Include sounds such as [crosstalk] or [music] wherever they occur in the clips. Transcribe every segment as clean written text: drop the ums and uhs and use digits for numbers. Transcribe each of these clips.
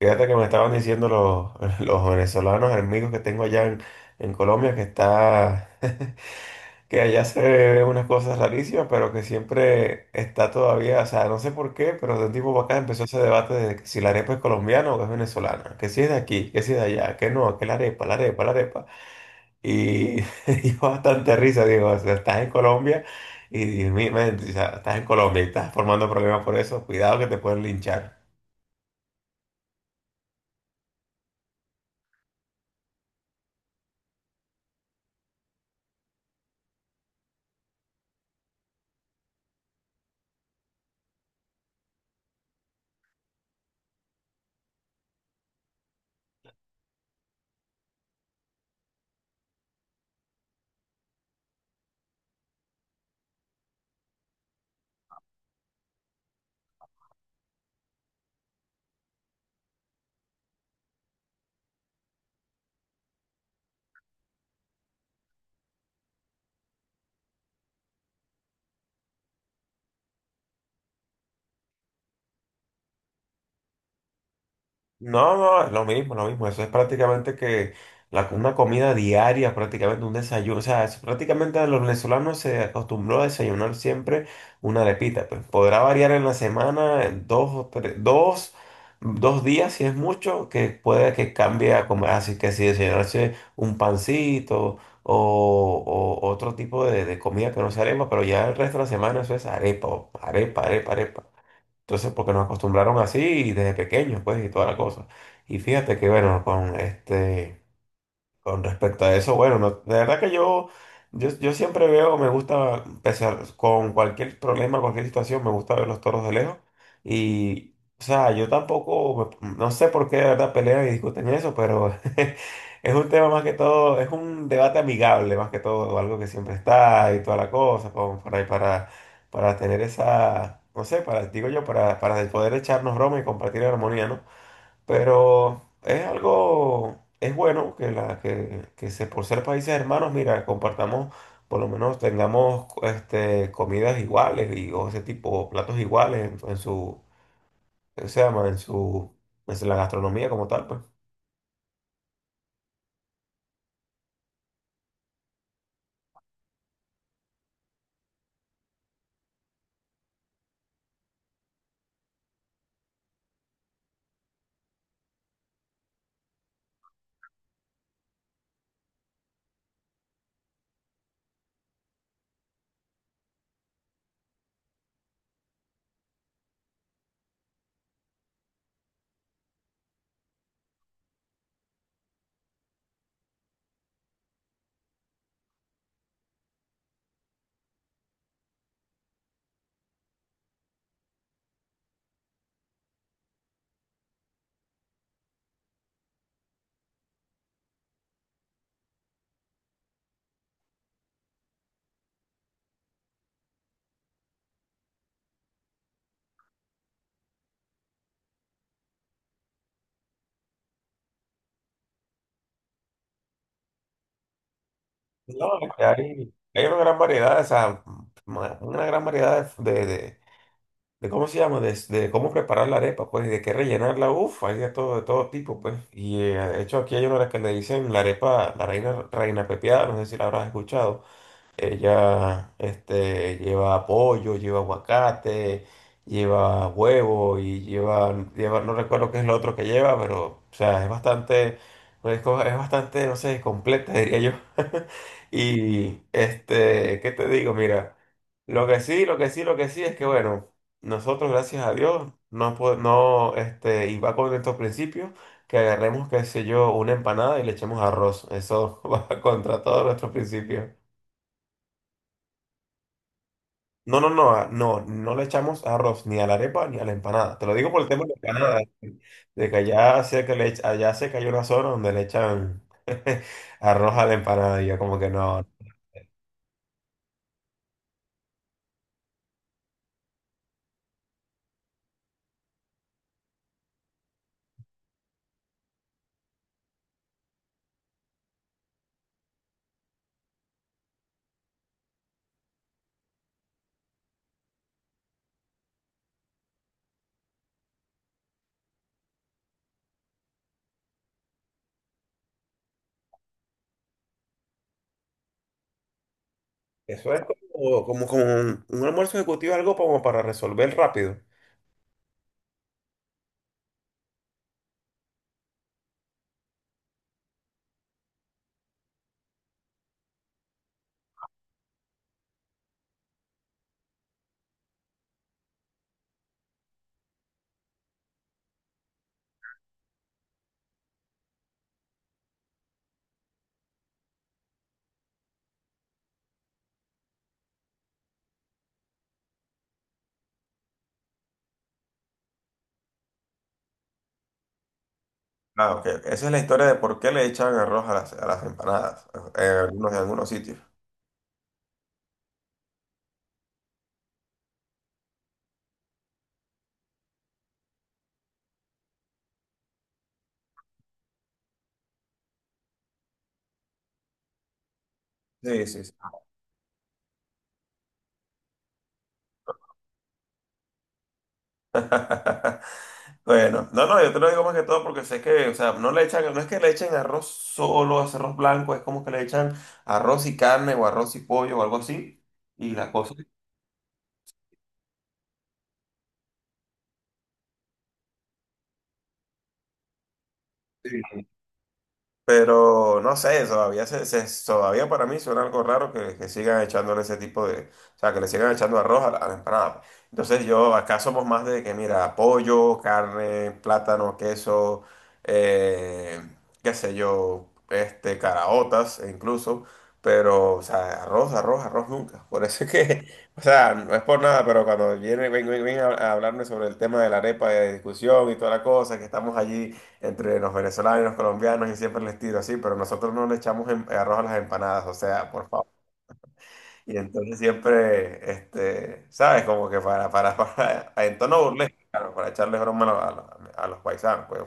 Fíjate que me estaban diciendo [laughs] los venezolanos amigos que tengo allá en Colombia que está, [laughs] que allá se ven unas cosas rarísimas, pero que siempre está todavía, o sea, no sé por qué, pero de un tiempo para acá empezó ese debate de que si la arepa es colombiana o es venezolana, que si es de aquí, que si es de allá, que no, que la arepa. Y [laughs] dio bastante risa, digo, o sea, estás en Colombia y, Dios mío, man, o sea, estás en Colombia y estás formando problemas por eso, cuidado que te pueden linchar. No, no, es lo mismo. Eso es prácticamente que una comida diaria, prácticamente un desayuno. O sea, prácticamente los venezolanos se acostumbró a desayunar siempre una arepita. Pues podrá variar en la semana dos o tres, dos, dos días, si es mucho, que puede que cambie a comer. Así que si desayunarse un pancito o otro tipo de comida que no sea arepa, pero ya el resto de la semana eso es arepa. Entonces, porque nos acostumbraron así desde pequeños, pues, y toda la cosa. Y fíjate que, bueno, con este... Con respecto a eso, bueno, de verdad que yo siempre veo, me gusta, con cualquier problema, cualquier situación, me gusta ver los toros de lejos. Y, o sea, yo tampoco, no sé por qué de verdad pelean y discuten eso, pero [laughs] es un tema más que todo, es un debate amigable más que todo, algo que siempre está y toda la cosa, como para tener esa, no sé, digo yo, para poder echarnos broma y compartir armonía, ¿no? Pero es algo, es bueno que se, por ser países hermanos, mira, compartamos, por lo menos tengamos este, comidas iguales y, o ese tipo, platos iguales en su, ¿qué se llama? En su, en la gastronomía como tal, pues. No, es que hay una gran variedad, o sea, una gran variedad de cómo se llama, de cómo preparar la arepa, pues, y de qué rellenarla, uff, hay de todo tipo, pues. Y de hecho aquí hay una que le dicen la arepa, la reina pepiada, no sé si la habrás escuchado. Ella, este, lleva pollo, lleva aguacate, lleva huevo y lleva, no recuerdo qué es lo otro que lleva, pero, o sea, es bastante, pues, es bastante, no sé, completa, diría yo. [laughs] Y, este, ¿qué te digo? Mira, lo que sí, lo que sí, lo que sí es que, bueno, nosotros, gracias a Dios, no, no, este, y va con estos principios, que agarremos, qué sé yo, una empanada y le echemos arroz. Eso [laughs] va contra todos nuestros principios. No le echamos arroz ni a la arepa ni a la empanada. Te lo digo por el tema de la empanada, de que allá sé que allá sé que hay una zona donde le echan [laughs] arroz a la empanada y yo como que no. Eso es como un almuerzo ejecutivo, algo como para resolver rápido. Claro, que esa es la historia de por qué le echan arroz a a las empanadas en en algunos sitios. Sí, sí, sí. Bueno, no, no, yo te lo digo más que todo porque sé que, o sea, no le echan, no es que le echen arroz solo, es arroz blanco, es como que le echan arroz y carne o arroz y pollo o algo así, y la cosa, sí. Pero no sé, todavía, todavía para mí suena algo raro que sigan echándole ese tipo de. O sea, que le sigan echando arroz a a la empanada, pues. Entonces, yo acá somos más de que, mira, pollo, carne, plátano, queso, eh, qué sé yo, este, caraotas e incluso. Pero, o sea, arroz nunca. Por eso es que, [laughs] o sea, no es por nada, pero cuando viene, a hablarme sobre el tema de la arepa de discusión y toda la cosa, que estamos allí entre los venezolanos y los colombianos y siempre les tiro así, pero nosotros no le echamos arroz a las empanadas, o sea, por favor. Y entonces siempre, este, ¿sabes? Como que [laughs] en tono burlesco, claro, para echarle broma a los paisanos, pues.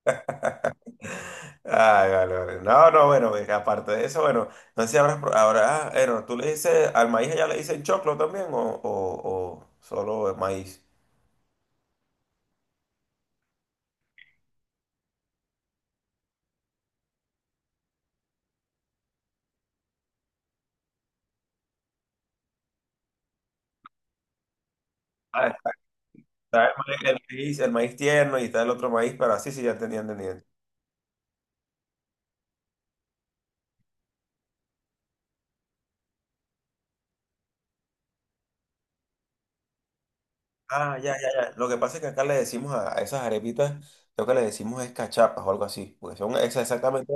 [laughs] Ay, vale. No, no, bueno, venga, aparte de eso, bueno, no sé si ah, bueno, tú le dices, al maíz ya le dicen choclo también o solo el maíz. Ah, está el maíz tierno y está el otro maíz, pero así sí, ya entendí. Ah, ya. Lo que pasa es que acá le decimos a esas arepitas, lo que le decimos es cachapas o algo así, porque son esas exactamente.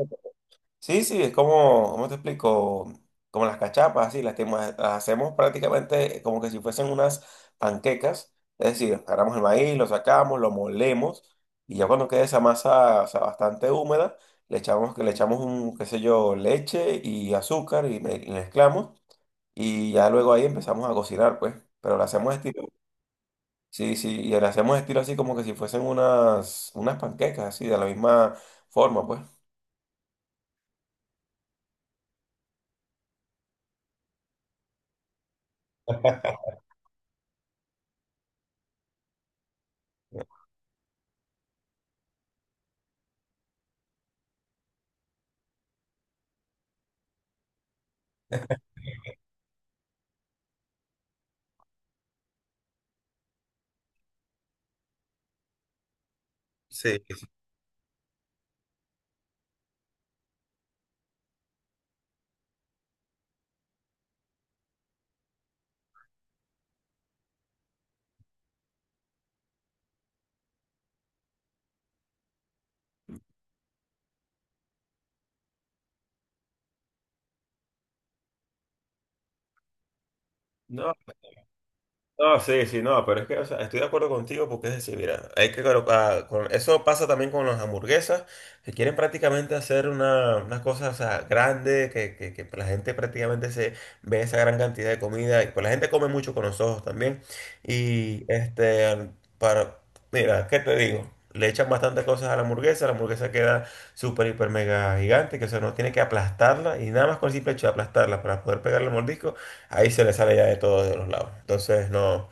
Sí, sí, es como, ¿cómo te explico? Como las cachapas, así, que las hacemos prácticamente como que si fuesen unas panquecas, es decir, agarramos el maíz, lo sacamos, lo molemos, y ya cuando quede esa masa, o sea, bastante húmeda, le echamos, que le echamos un, qué sé yo, leche y azúcar y mezclamos, y ya luego ahí empezamos a cocinar, pues, pero lo hacemos estilo. Sí, sí, y le hacemos estilo así como que si fuesen unas panquecas, así, de la misma forma, pues. Sí. No. No, sí, sí, no, pero es que, o sea, estoy de acuerdo contigo porque es decir, mira, hay que colocar, con, eso pasa también con las hamburguesas, que quieren prácticamente hacer unas cosas, o sea, grandes, que la gente prácticamente se ve esa gran cantidad de comida, y pues la gente come mucho con los ojos también, y este, para, mira, ¿qué te digo? Le echan bastantes cosas a la hamburguesa queda súper, hiper, mega gigante, que o sea, no tiene que aplastarla, y nada más con el simple hecho de aplastarla para poder pegarle el mordisco, ahí se le sale ya de todos de los lados. Entonces no,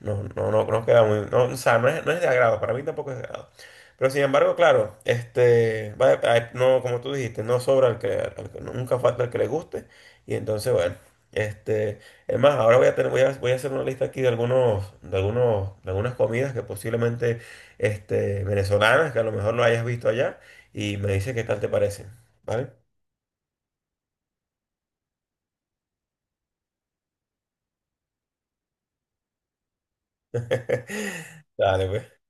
no, no, no, no queda muy, no, o sea, no es, no es de agrado, para mí tampoco es de agrado. Pero sin embargo, claro, este, ah, no, como tú dijiste, no sobra el que, nunca falta el que le guste. Y entonces, bueno, este, es más, ahora voy a voy a hacer una lista aquí de de algunas comidas que posiblemente, este, venezolanas, que a lo mejor lo hayas visto allá, y me dice qué tal te parecen, ¿vale? [laughs] Dale, pues.